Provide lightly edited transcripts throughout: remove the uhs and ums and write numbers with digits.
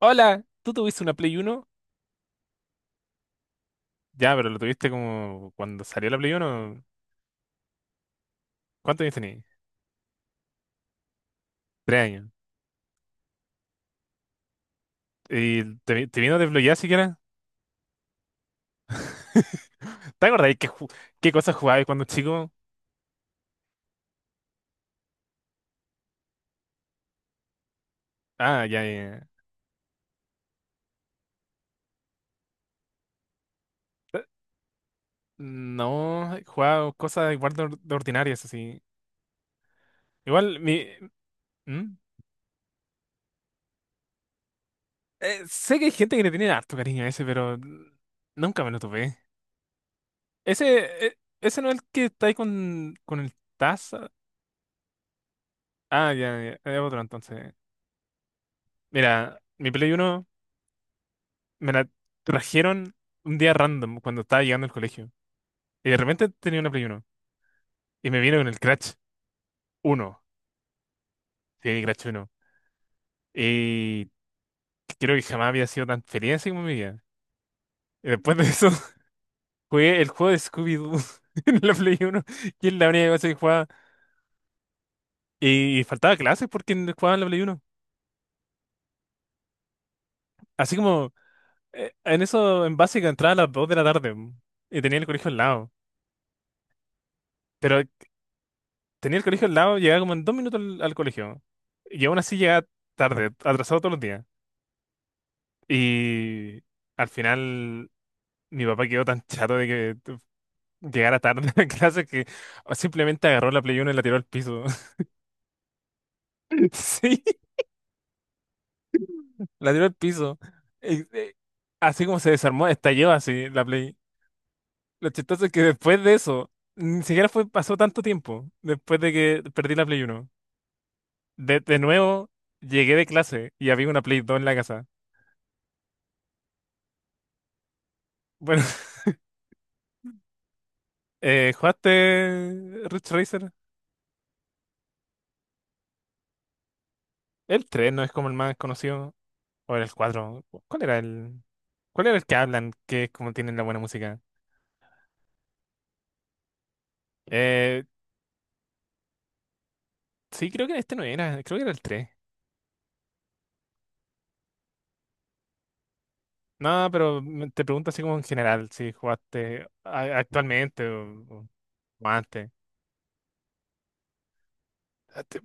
Hola, ¿tú tuviste una Play uno? Ya, pero lo tuviste como cuando salió la Play uno. ¿Cuántos años tenías? Tres años. ¿Y te, te vino desbloqueada siquiera? ¿Te acordás qué cosas jugabas cuando chico? Ah, ya, ya. Ya. No, jugaba cosas igual de, de ordinarias, así. Igual, mi... ¿Mm? Sé que hay gente que le tiene harto cariño a ese, pero nunca me lo topé. Ese no es el que está ahí con el Taza. Ah, ya, ya, es otro entonces. Mira, mi Play uno me la trajeron un día random cuando estaba llegando al colegio. Y de repente tenía una Play uno. Y me vino con el Crash uno. Sí, Crash uno. Y creo que jamás había sido tan feliz así como en mi vida. Y después de eso, jugué el juego de Scooby-Doo en la Play uno, que es la única cosa que jugaba. Y faltaba clases porque no jugaba en la Play uno. Así como, en eso, en básica, entraba a las 2 de la tarde. Y tenía el colegio al lado. Pero tenía el colegio al lado, llegaba como en 2 minutos al colegio. Y aún así llegaba tarde, atrasado todos los días. Y al final mi papá quedó tan chato de que llegara tarde a clase, que simplemente agarró la Play uno y la tiró al piso. Sí, la tiró al piso. Eh, eh, Así como se desarmó, estalló así la Play. Lo chistoso es que después de eso, ni siquiera fue, pasó tanto tiempo después de que perdí la Play uno. De nuevo, llegué de clase y había una Play 2 en la casa. Bueno, ¿jugaste Ridge Racer? El 3 no es como el más conocido. O era el 4. ¿Cuál era el? ¿Cuál era el que hablan? Que es como tienen la buena música. Eh, sí, creo que este no era. Creo que era el tres. No, pero te pregunto así como en general, si jugaste actualmente o, o antes. Ah, te-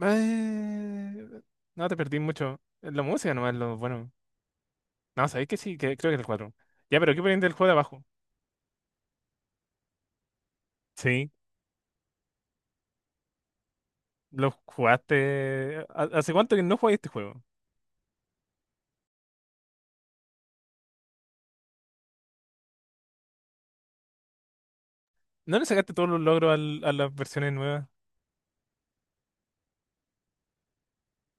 eh, no, te perdí mucho. La música nomás, lo bueno. No, sabéis que sí, que creo que era el 4. Ya, pero ¿qué ponían del juego de abajo? Sí, lo jugaste. ¿Hace cuánto que no jugaste este juego? ¿No le sacaste todos los logros a las versiones nuevas?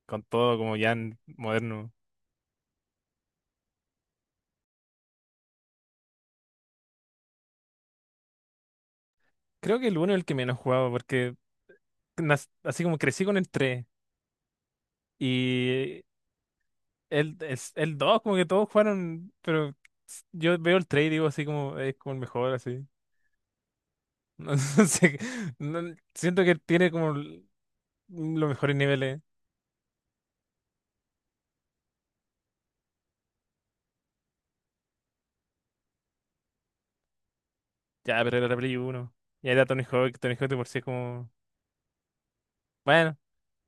Con todo como ya en moderno. Creo que el 1 es el que menos jugaba porque así como crecí con el tres. Y el 2 como que todos jugaron, pero yo veo el 3 y digo así como es como el mejor así. No sé, siento que tiene como los mejores niveles. Ya, pero era la Play uno. Y ahí era Tony Hawk, Tony Hawk de por sí es como... Bueno,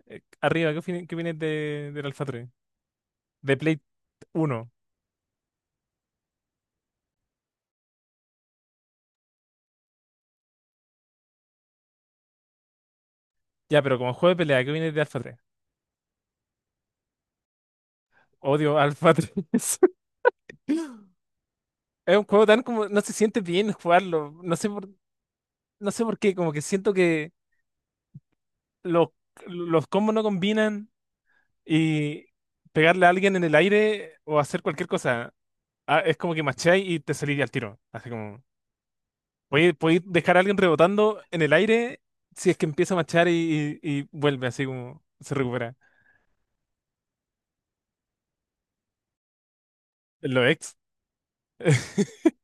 arriba, qué opinas de, del Alpha 3? De Play uno. Ya, pero como juego de pelea, ¿qué opinas de Alpha 3? Odio Alpha 3. Es un juego tan como, no se siente bien jugarlo, no sé no sé por qué, como que siento que los, los combos no combinan. Y pegarle a alguien en el aire o hacer cualquier cosa, es como que macháis y te salís al tiro, así como, podéis dejar a alguien rebotando en el aire si es que empieza a machar, y vuelve, así como se recupera. Los ex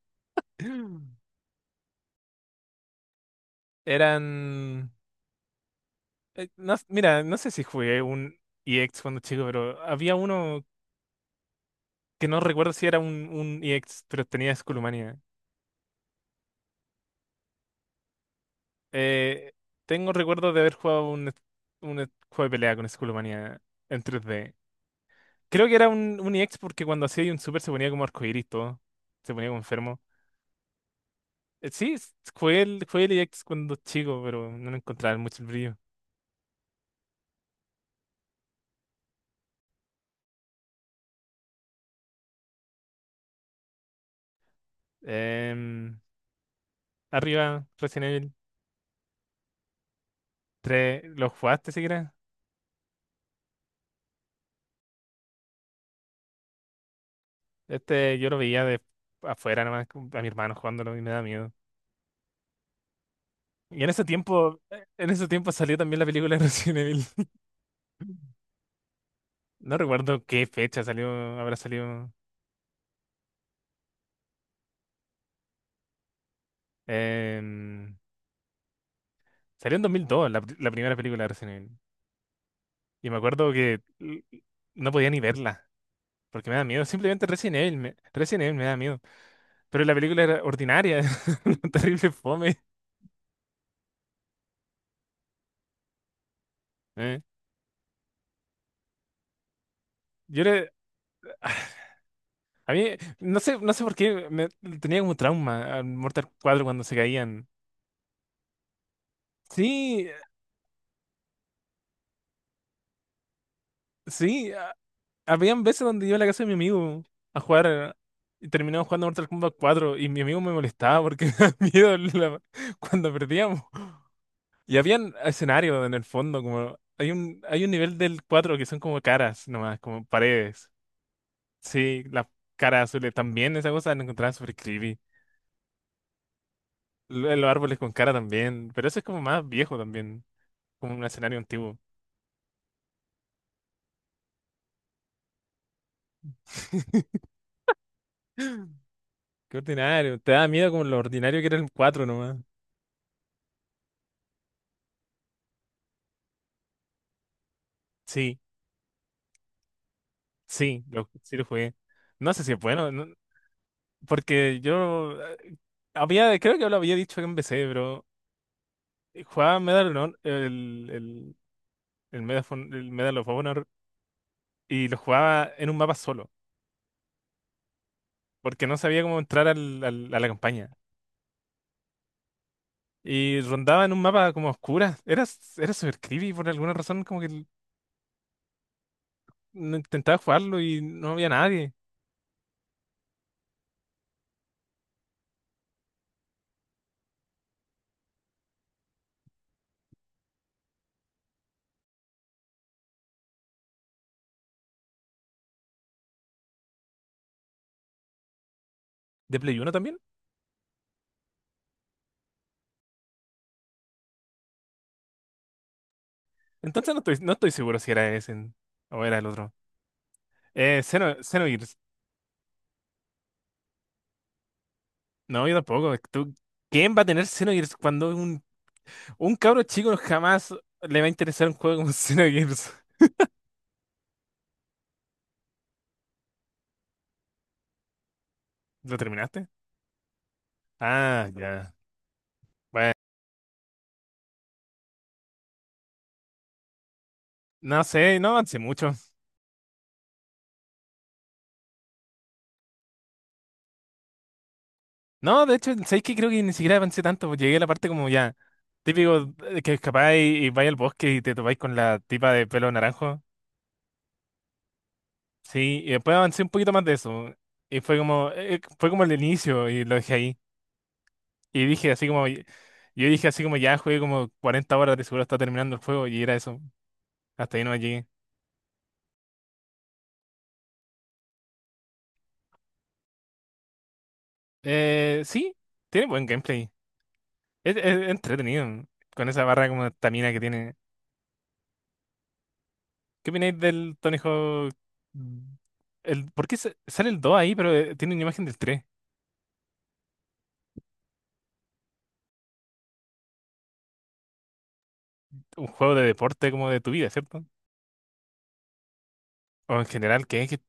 eran. Mira, no sé si jugué un EX cuando chico, pero había uno que no recuerdo si era un EX, pero tenía Skullmania. Eh, Tengo recuerdo de haber jugado un juego de pelea con Skullmania en 3D. Creo que era un EX porque cuando hacía un super se ponía como arcoíris todo. Se ponía como enfermo. Sí, jugué el EX cuando chico, pero no le encontraba mucho el brillo. Em, Arriba, Resident Evil tres. ¿Lo jugaste siquiera? Este yo lo veía de afuera nomás, como a mi hermano jugándolo, y me da miedo. Y en ese tiempo salió también la película de Resident Evil. No recuerdo qué fecha salió, habrá salido. em, Salió en 2002, la primera película de Resident Evil. Y me acuerdo que no podía ni verla, porque me da miedo. Simplemente Resident Evil me da miedo. Pero la película era ordinaria, terrible fome. eh. Yo le, a mí, no sé, no sé por qué, me, tenía como trauma al Mortal 4 cuando se caían. Sí, sí, habían veces donde iba a la casa de mi amigo a jugar, y terminamos jugando Mortal Kombat cuatro, y mi amigo me molestaba porque me daba miedo cuando perdíamos. Y habían escenarios en el fondo, como hay un nivel del 4 que son como caras nomás, como paredes. Sí, las caras azules también, esa cosa la encontraba súper creepy. Los árboles con cara también, pero eso es como más viejo también, como un escenario antiguo. Qué ordinario, te da miedo como lo ordinario que era el 4 nomás. Sí. Sí, sí lo jugué. No sé si es bueno, porque yo había, creo que lo había dicho en PC, pero jugaba Medal of Honor, Medal, el Medal of Honor, y lo jugaba en un mapa solo, porque no sabía cómo entrar a la campaña. Y rondaba en un mapa como oscura. Era súper creepy por alguna razón, como que no intentaba jugarlo y no había nadie. ¿De Play 1 también? Entonces no estoy seguro si era ese o era el otro. Xenogears. No, yo tampoco. ¿Quién va a tener Xenogears cuando un cabro chico jamás le va a interesar un juego como Xenogears? ¿Lo terminaste? Ah, ya. Bueno, no sé, no avancé mucho. No, de hecho, ¿sabes qué? Creo que ni siquiera avancé tanto. Pues llegué a la parte como ya, típico que escapáis, y vais al bosque y te topáis con la tipa de pelo naranjo. Sí, y después avancé un poquito más de eso. Y fue como, fue como el inicio, y lo dejé ahí. Y dije así como, yo dije así como ya jugué como 40 horas, de seguro está terminando el juego, y era eso. Hasta ahí no llegué. Sí, tiene buen gameplay. Es entretenido. Con esa barra como de estamina que tiene. ¿Qué opináis del Tony Hawk? mm, El, ¿por qué sale el 2 ahí, pero tiene una imagen del tres? Un juego de deporte como de tu vida, ¿cierto? O en general, ¿qué es? Que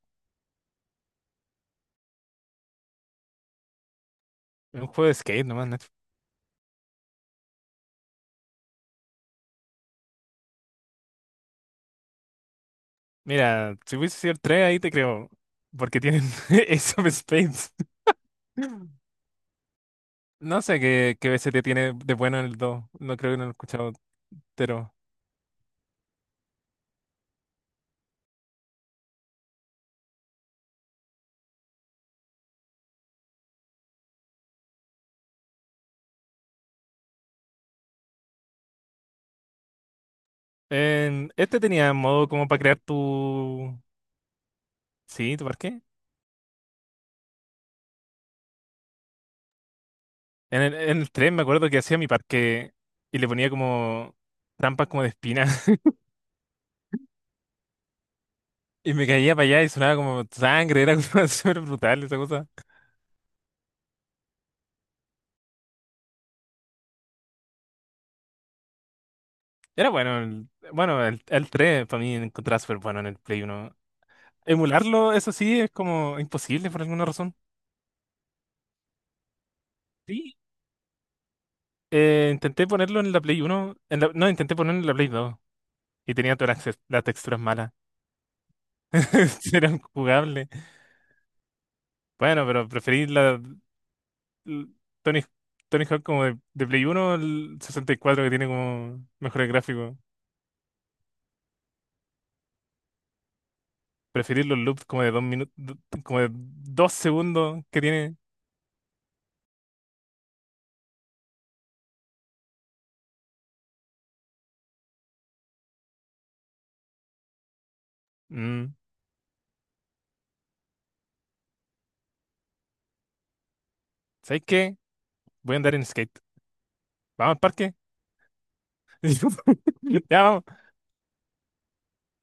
es un juego de skate nomás, Nacho. Mira, si hubiese sido el 3 ahí te creo. Porque tienen Ace of Spades. No sé qué BCT tiene de bueno en el 2. No creo, que no lo he escuchado entero. Este tenía modo como para crear tu... Sí, tu parque. En el 3 me acuerdo que hacía mi parque y le ponía como trampas como de espina. Y me caía para allá y sonaba como sangre, era como súper brutal esa cosa. Era bueno, el 3 para mí encontraba súper bueno en el Play uno. Emularlo, eso sí, es como imposible por alguna razón. Sí. Intenté ponerlo en la Play uno en no, intenté ponerlo en la Play dos, y tenía todas las texturas malas. Era jugables. Bueno, pero preferí l- Tony, Tony Hawk como de Play 1, el 64, que tiene como mejores gráficos. Preferir los loops como de 2 minutos, como de 2 segundos que tiene. Mm, ¿Sabes qué? Voy a andar en skate. Vamos al parque. Ya, vamos.